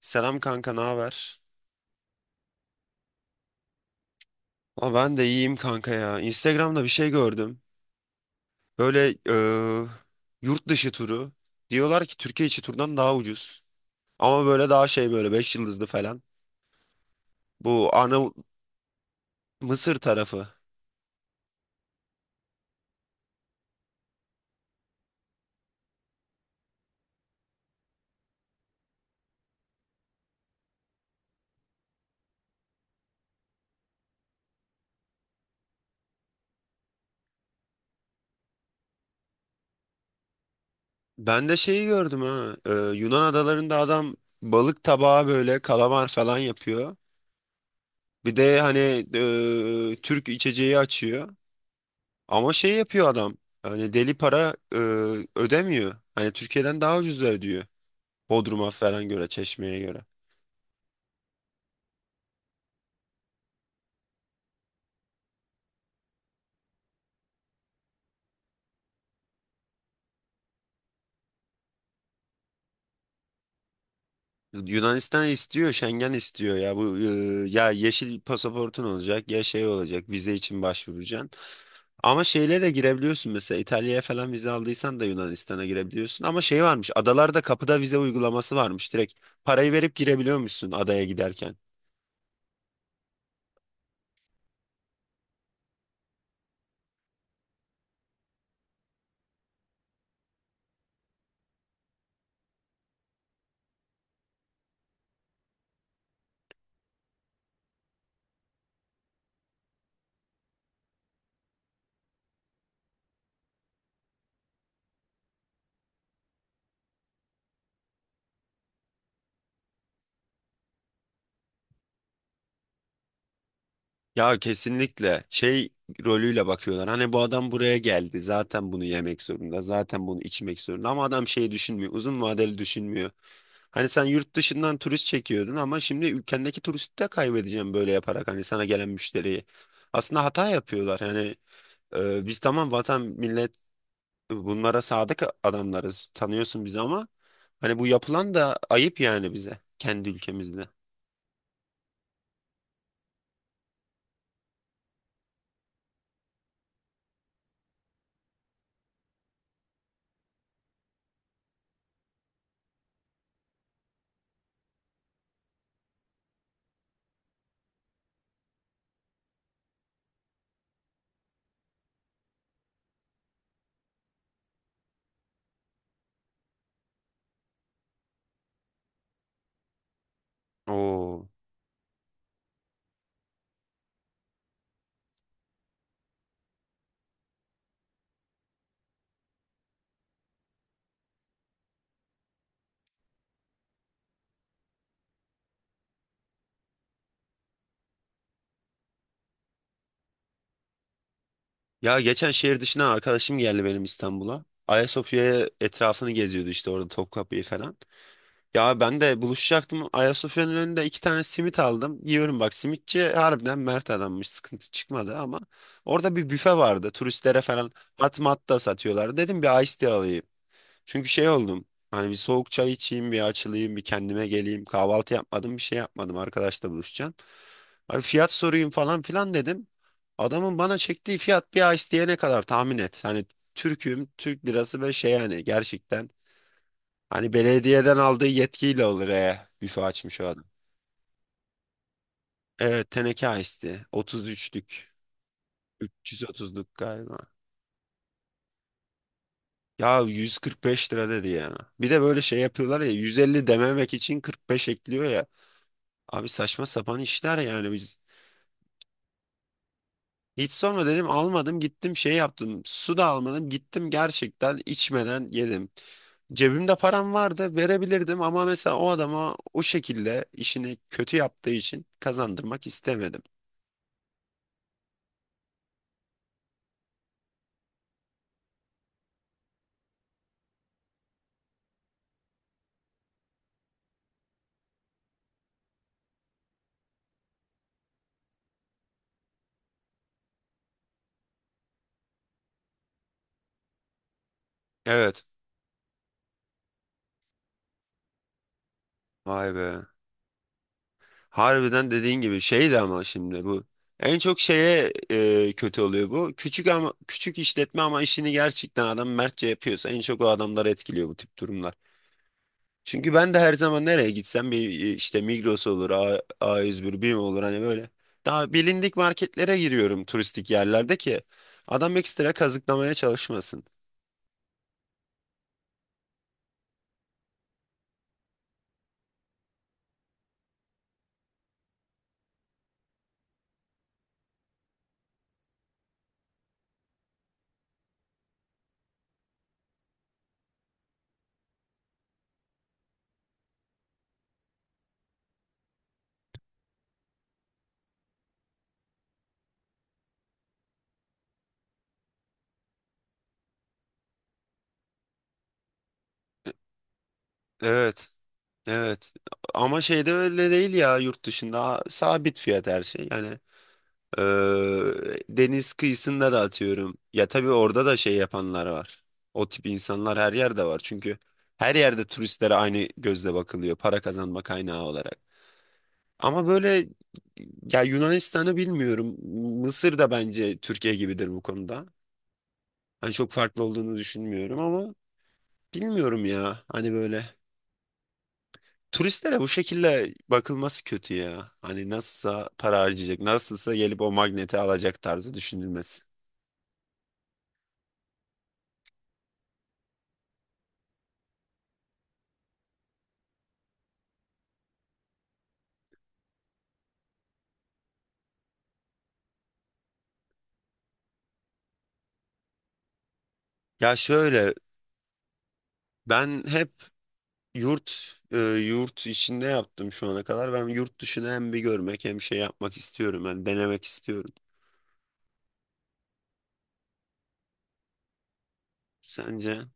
Selam kanka, ne haber? Aa, ben de iyiyim kanka ya. Instagram'da bir şey gördüm. Böyle yurt dışı turu. Diyorlar ki Türkiye içi turdan daha ucuz. Ama böyle daha şey böyle 5 yıldızlı falan. Bu Arnavut Mısır tarafı. Ben de şeyi gördüm ha. Yunan adalarında adam balık tabağı böyle kalamar falan yapıyor. Bir de hani Türk içeceği açıyor. Ama şey yapıyor adam. Hani deli para ödemiyor. Hani Türkiye'den daha ucuz ödüyor. Bodrum'a falan göre, Çeşme'ye göre. Yunanistan istiyor, Schengen istiyor ya. Bu ya yeşil pasaportun olacak ya şey olacak. Vize için başvuracaksın. Ama şeyle de girebiliyorsun mesela İtalya'ya falan vize aldıysan da Yunanistan'a girebiliyorsun. Ama şey varmış. Adalarda kapıda vize uygulaması varmış. Direkt parayı verip girebiliyormuşsun adaya giderken. Ya kesinlikle şey rolüyle bakıyorlar. Hani bu adam buraya geldi. Zaten bunu yemek zorunda. Zaten bunu içmek zorunda. Ama adam şey düşünmüyor. Uzun vadeli düşünmüyor. Hani sen yurt dışından turist çekiyordun ama şimdi ülkendeki turisti de kaybedeceğim böyle yaparak hani sana gelen müşteriyi. Aslında hata yapıyorlar. Yani biz tamam vatan millet bunlara sadık adamlarız. Tanıyorsun bizi ama hani bu yapılan da ayıp yani bize kendi ülkemizde. Oo. Ya geçen şehir dışına arkadaşım geldi benim İstanbul'a. Ayasofya'ya etrafını geziyordu işte orada Topkapı'yı falan. Ya ben de buluşacaktım. Ayasofya'nın önünde iki tane simit aldım. Yiyorum bak simitçi harbiden mert adammış. Sıkıntı çıkmadı ama orada bir büfe vardı. Turistlere falan hat mat da satıyorlar. Dedim bir iced tea alayım. Çünkü şey oldum. Hani bir soğuk çay içeyim, bir açılayım, bir kendime geleyim. Kahvaltı yapmadım, bir şey yapmadım. Arkadaşla buluşacağım. Abi fiyat sorayım falan filan dedim. Adamın bana çektiği fiyat bir ice diye ne kadar tahmin et. Hani Türk'üm, Türk lirası ve şey yani gerçekten. Hani belediyeden aldığı yetkiyle olur e. Büfe açmış o adam. Evet teneke ice tea. 33'lük. 330'luk galiba. Ya 145 lira dedi ya. Bir de böyle şey yapıyorlar ya 150 dememek için 45 ekliyor ya. Abi saçma sapan işler yani biz. Hiç sonra dedim almadım gittim şey yaptım. Su da almadım gittim gerçekten içmeden yedim. Cebimde param vardı verebilirdim ama mesela o adama o şekilde işini kötü yaptığı için kazandırmak istemedim. Evet. Vay be. Harbiden dediğin gibi şeydi ama şimdi bu. En çok şeye kötü oluyor bu. Küçük ama küçük işletme ama işini gerçekten adam mertçe yapıyorsa en çok o adamları etkiliyor bu tip durumlar. Çünkü ben de her zaman nereye gitsem bir işte Migros olur, A101, BİM olur hani böyle. Daha bilindik marketlere giriyorum turistik yerlerde ki adam ekstra kazıklamaya çalışmasın. Evet, evet. Ama şeyde öyle değil ya yurt dışında a- sabit fiyat her şey. Yani deniz kıyısında da atıyorum. Ya tabii orada da şey yapanlar var. O tip insanlar her yerde var. Çünkü her yerde turistlere aynı gözle bakılıyor para kazanma kaynağı olarak. Ama böyle ya Yunanistan'ı bilmiyorum. Mısır da bence Türkiye gibidir bu konuda. Hani çok farklı olduğunu düşünmüyorum ama bilmiyorum ya. Hani böyle turistlere bu şekilde bakılması kötü ya. Hani nasılsa para harcayacak, nasılsa gelip o magneti alacak tarzı düşünülmesi. Ya şöyle ben hep yurt içinde yaptım şu ana kadar. Ben yurt dışını hem bir görmek hem şey yapmak istiyorum. Yani denemek istiyorum. Sence?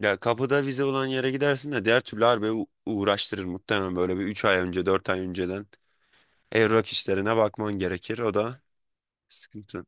Ya kapıda vize olan yere gidersin de diğer türlü harbi uğraştırır muhtemelen böyle bir 3 ay önce 4 ay önceden evrak işlerine bakman gerekir o da sıkıntı.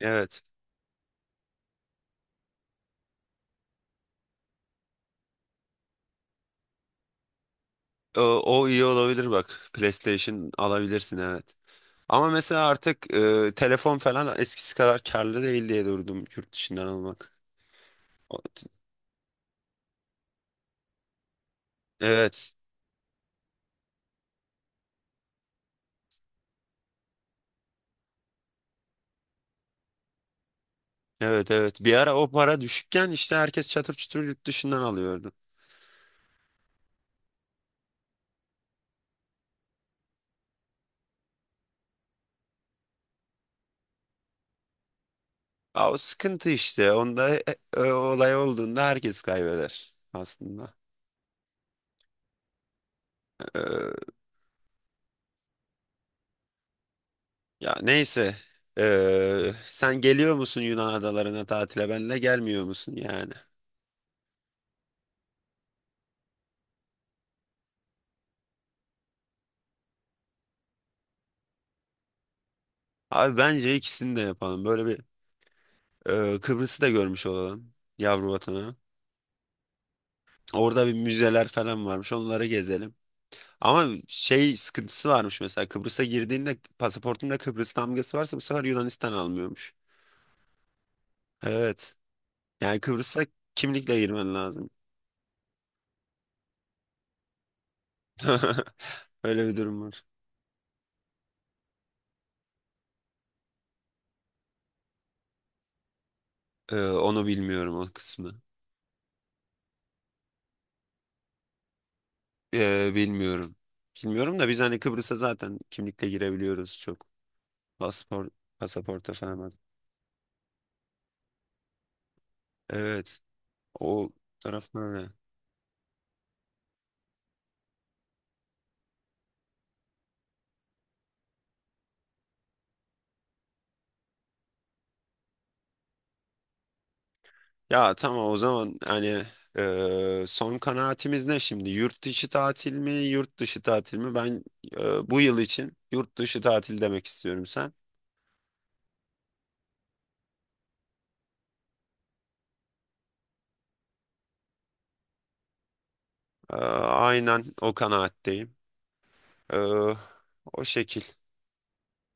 Evet o, o iyi olabilir bak PlayStation alabilirsin evet. Ama mesela artık telefon falan eskisi kadar karlı değil diye durdum yurt dışından almak. O- Evet, evet, evet, bir ara o para düşükken işte herkes çatır çutur yurt dışından alıyordu. Aa, o sıkıntı işte onda olay olduğunda herkes kaybeder aslında. Ee, ya neyse. Sen geliyor musun Yunan adalarına tatile benle gelmiyor musun yani? Abi bence ikisini de yapalım. Böyle bir Kıbrıs'ı da görmüş olalım. Yavru vatanı. Orada bir müzeler falan varmış. Onları gezelim. Ama şey sıkıntısı varmış mesela. Kıbrıs'a girdiğinde pasaportunda Kıbrıs damgası varsa bu sefer Yunanistan almıyormuş. Evet. Yani Kıbrıs'a kimlikle girmen lazım. Öyle bir durum var. Onu bilmiyorum o kısmı. Bilmiyorum. Bilmiyorum da biz hani Kıbrıs'a zaten kimlikle girebiliyoruz çok. Paspor, pasaporta falan. Evet. O taraftan öyle. Ya tamam o zaman hani son kanaatimiz ne şimdi? Yurt içi tatil mi, yurt dışı tatil mi? Ben bu yıl için yurt dışı tatil demek istiyorum sen. Aynen o kanaatteyim. E, o şekil.